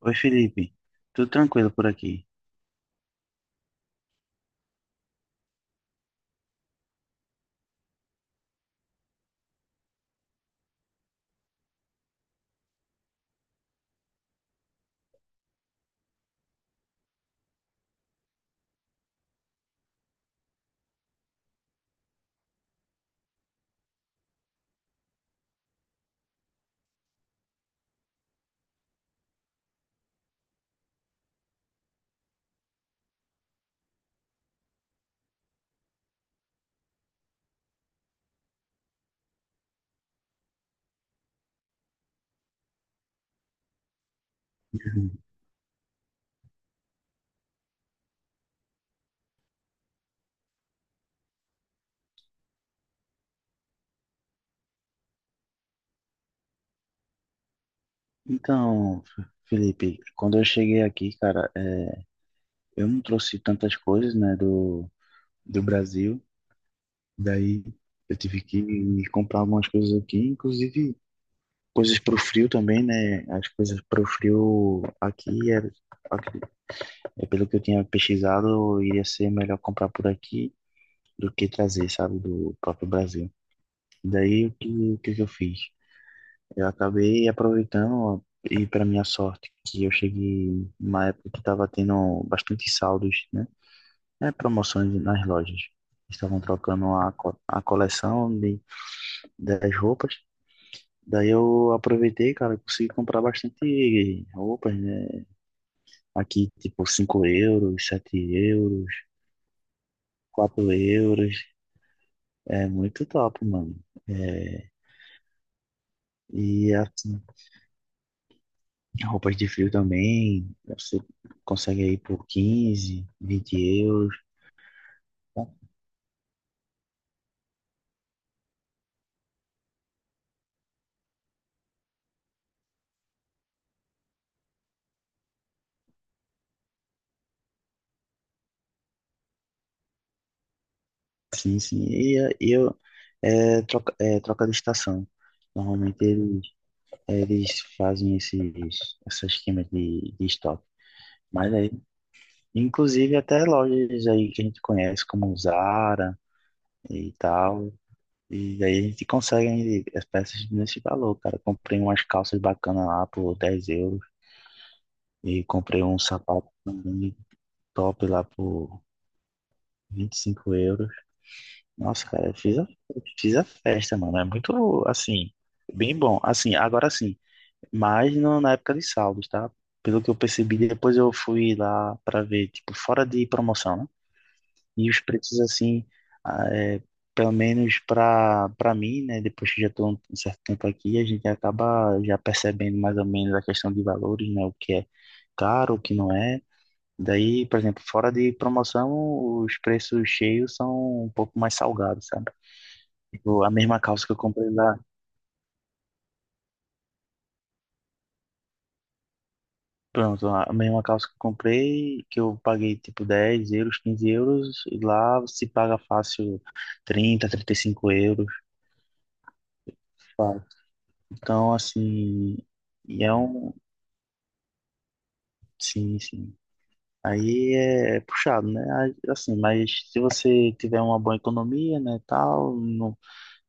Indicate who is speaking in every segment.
Speaker 1: Oi, Felipe. Tudo tranquilo por aqui? Uhum. Então, Felipe, quando eu cheguei aqui, cara, eu não trouxe tantas coisas, né, do Brasil. Daí eu tive que comprar algumas coisas aqui, inclusive coisas pro frio também, né? As coisas pro frio aqui, aqui- é pelo que eu tinha pesquisado, iria ser melhor comprar por aqui do que trazer, sabe, do próprio Brasil. Daí o que que eu fiz? Eu acabei aproveitando ó, e para minha sorte que eu cheguei numa época que estava tendo bastante saldos, né? É, promoções nas lojas. Estavam trocando a coleção das roupas. Daí eu aproveitei, cara, consegui comprar bastante roupas, né? Aqui, tipo, €5, €7, €4. É muito top, mano. É, e assim, roupas de frio também, você consegue aí por 15, €20, né? Sim, sim. É troca de estação. Normalmente eles fazem esses esquemas de estoque. Mas aí, inclusive até lojas aí que a gente conhece, como Zara e tal. E aí a gente consegue aí as peças nesse valor, cara. Comprei umas calças bacanas lá por €10. E comprei um sapato também top lá por €25. Nossa, cara, eu fiz a festa, mano. É muito, assim, bem bom. Assim, agora sim, mas na época de saldos, tá? Pelo que eu percebi, depois eu fui lá pra ver, tipo, fora de promoção, né? E os preços, assim, ah, é, pelo menos pra mim, né? Depois que já tô um certo tempo aqui, a gente acaba já percebendo mais ou menos a questão de valores, né? O que é caro, o que não é. Daí, por exemplo, fora de promoção, os preços cheios são um pouco mais salgados, sabe? Tipo, a mesma calça que eu comprei lá, pronto, a mesma calça que eu comprei, que eu paguei tipo €10, €15, e lá se paga fácil 30, €35, fácil. Então, assim, e é um. Sim, sim. Aí é puxado, né? Aí, assim, mas se você tiver uma boa economia, né, tal, não,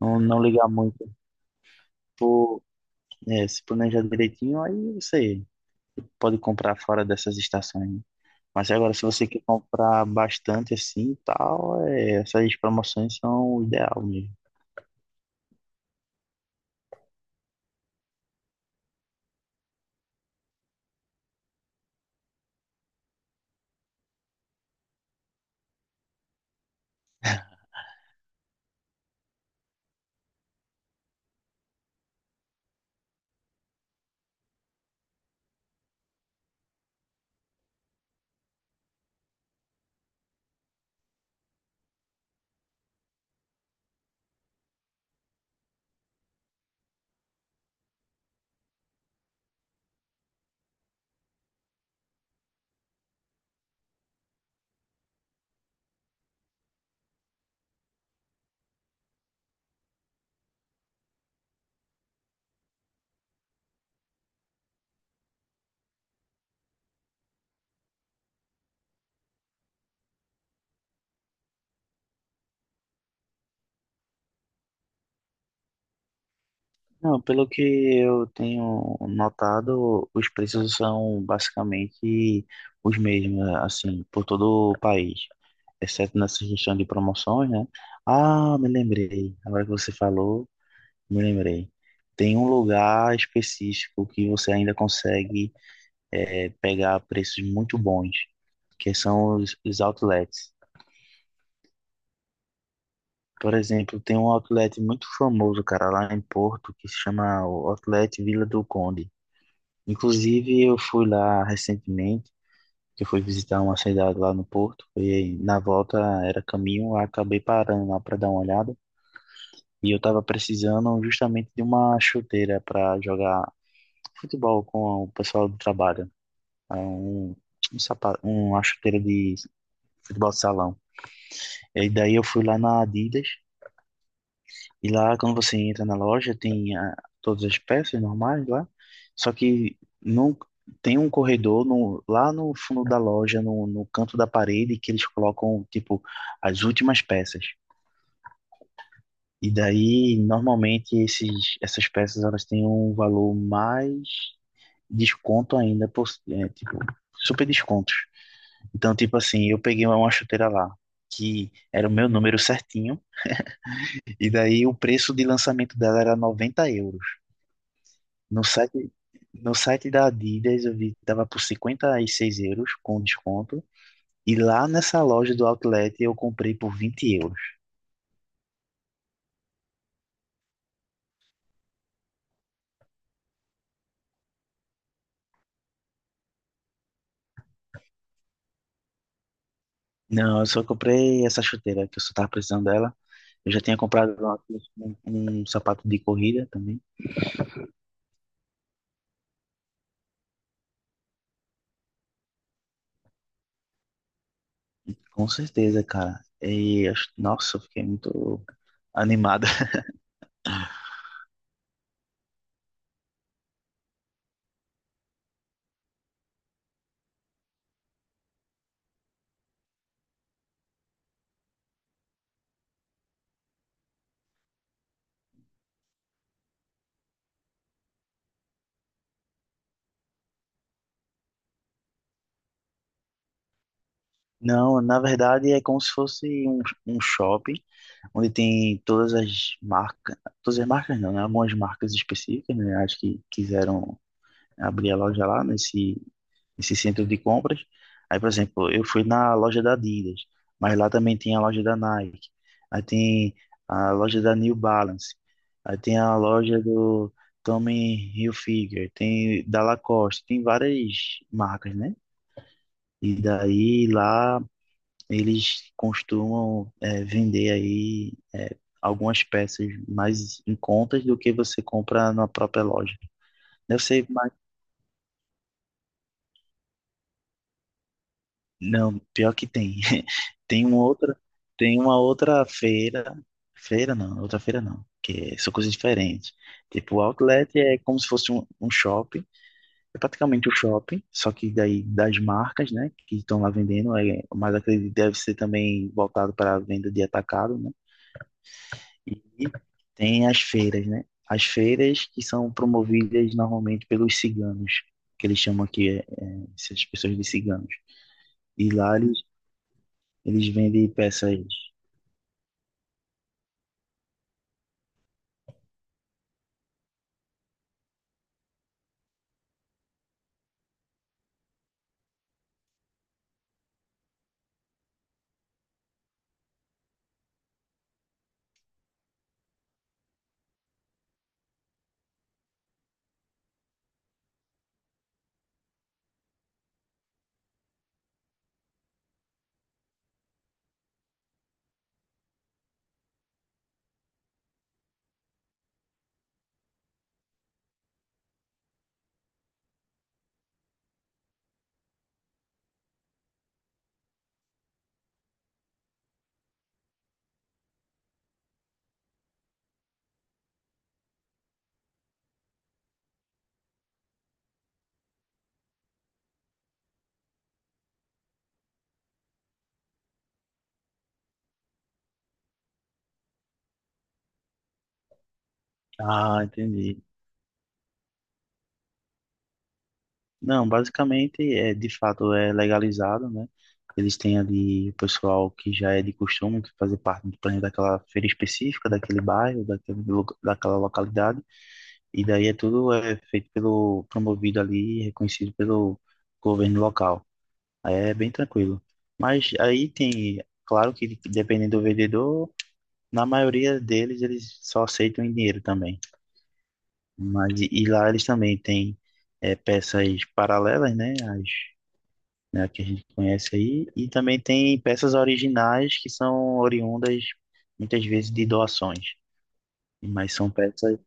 Speaker 1: não, não ligar muito. Se planejar direitinho, aí você pode comprar fora dessas estações, né? Mas agora, se você quer comprar bastante assim e tal, essas promoções são o ideal mesmo. Não, pelo que eu tenho notado, os preços são basicamente os mesmos, assim, por todo o país, exceto nessa questão de promoções, né? Ah, me lembrei, agora que você falou, me lembrei. Tem um lugar específico que você ainda consegue pegar preços muito bons, que são os outlets. Por exemplo, tem um outlet muito famoso, cara, lá em Porto, que se chama o Outlet Vila do Conde. Inclusive, eu fui lá recentemente, que eu fui visitar uma cidade lá no Porto, e na volta era caminho, eu acabei parando lá para dar uma olhada. E eu tava precisando justamente de uma chuteira para jogar futebol com o pessoal do trabalho. É um sapato, uma chuteira de futebol de salão. E daí eu fui lá na Adidas, e lá quando você entra na loja tem todas as peças normais lá, só que não tem um corredor lá no fundo da loja, no canto da parede, que eles colocam tipo as últimas peças. E daí normalmente essas peças elas têm um valor mais desconto ainda, tipo, super descontos. Então, tipo assim, eu peguei uma chuteira lá, que era o meu número certinho. E daí o preço de lançamento dela era €90. No site, no site da Adidas eu vi que tava por €56 com desconto. E lá nessa loja do Outlet eu comprei por €20. Não, eu só comprei essa chuteira que eu só tava precisando dela. Eu já tinha comprado lá um sapato de corrida também. Com certeza, cara. E, nossa, eu fiquei muito animado. Não, na verdade é como se fosse um shopping onde tem todas as marcas não, né? Algumas marcas específicas, né? Acho que quiseram abrir a loja lá nesse centro de compras. Aí, por exemplo, eu fui na loja da Adidas, mas lá também tem a loja da Nike. Aí tem a loja da New Balance. Aí tem a loja do Tommy Hilfiger, tem da Lacoste, tem várias marcas, né? E daí lá eles costumam vender aí algumas peças mais em contas do que você compra na própria loja. Eu sei, mas não, pior que tem. Tem uma outra, tem uma outra feira, feira não, outra feira não, que é, são coisas diferentes. Tipo, o outlet é como se fosse um shopping, é praticamente um shopping, só que daí das marcas, né, que estão lá vendendo, mas acredito que deve ser também voltado para a venda de atacado, né? E tem as feiras, né? As feiras que são promovidas normalmente pelos ciganos, que eles chamam aqui essas pessoas de ciganos. E lá eles vendem peças. Ah, entendi. Não, basicamente é de fato é legalizado, né? Eles têm ali o pessoal que já é de costume, que fazer parte do plano daquela feira específica, daquele bairro, daquela localidade, e daí é tudo é feito pelo, promovido ali, reconhecido pelo governo local. Aí é bem tranquilo. Mas aí tem, claro que dependendo do vendedor, na maioria deles eles só aceitam em dinheiro também. Mas e lá eles também têm peças paralelas, né? As, né, que a gente conhece aí, e também tem peças originais que são oriundas muitas vezes de doações. Mas são peças,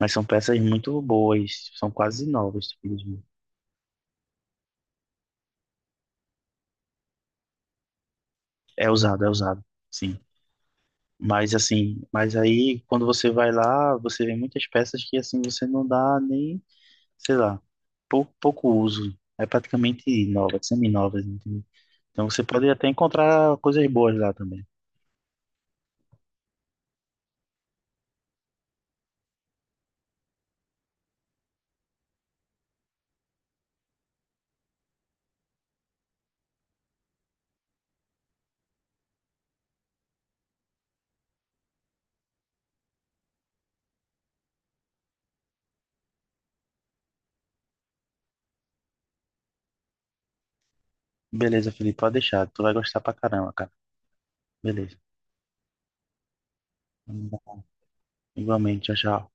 Speaker 1: mas são peças muito boas, são quase novas, simplesmente. É usado, sim. Mas assim, mas aí quando você vai lá, você vê muitas peças que assim você não dá nem, sei lá, pouco uso. É praticamente nova, semi-nova, entendeu? Então você pode até encontrar coisas boas lá também. Beleza, Felipe, pode deixar. Tu vai gostar pra caramba, cara. Beleza. Igualmente, tchau, tchau.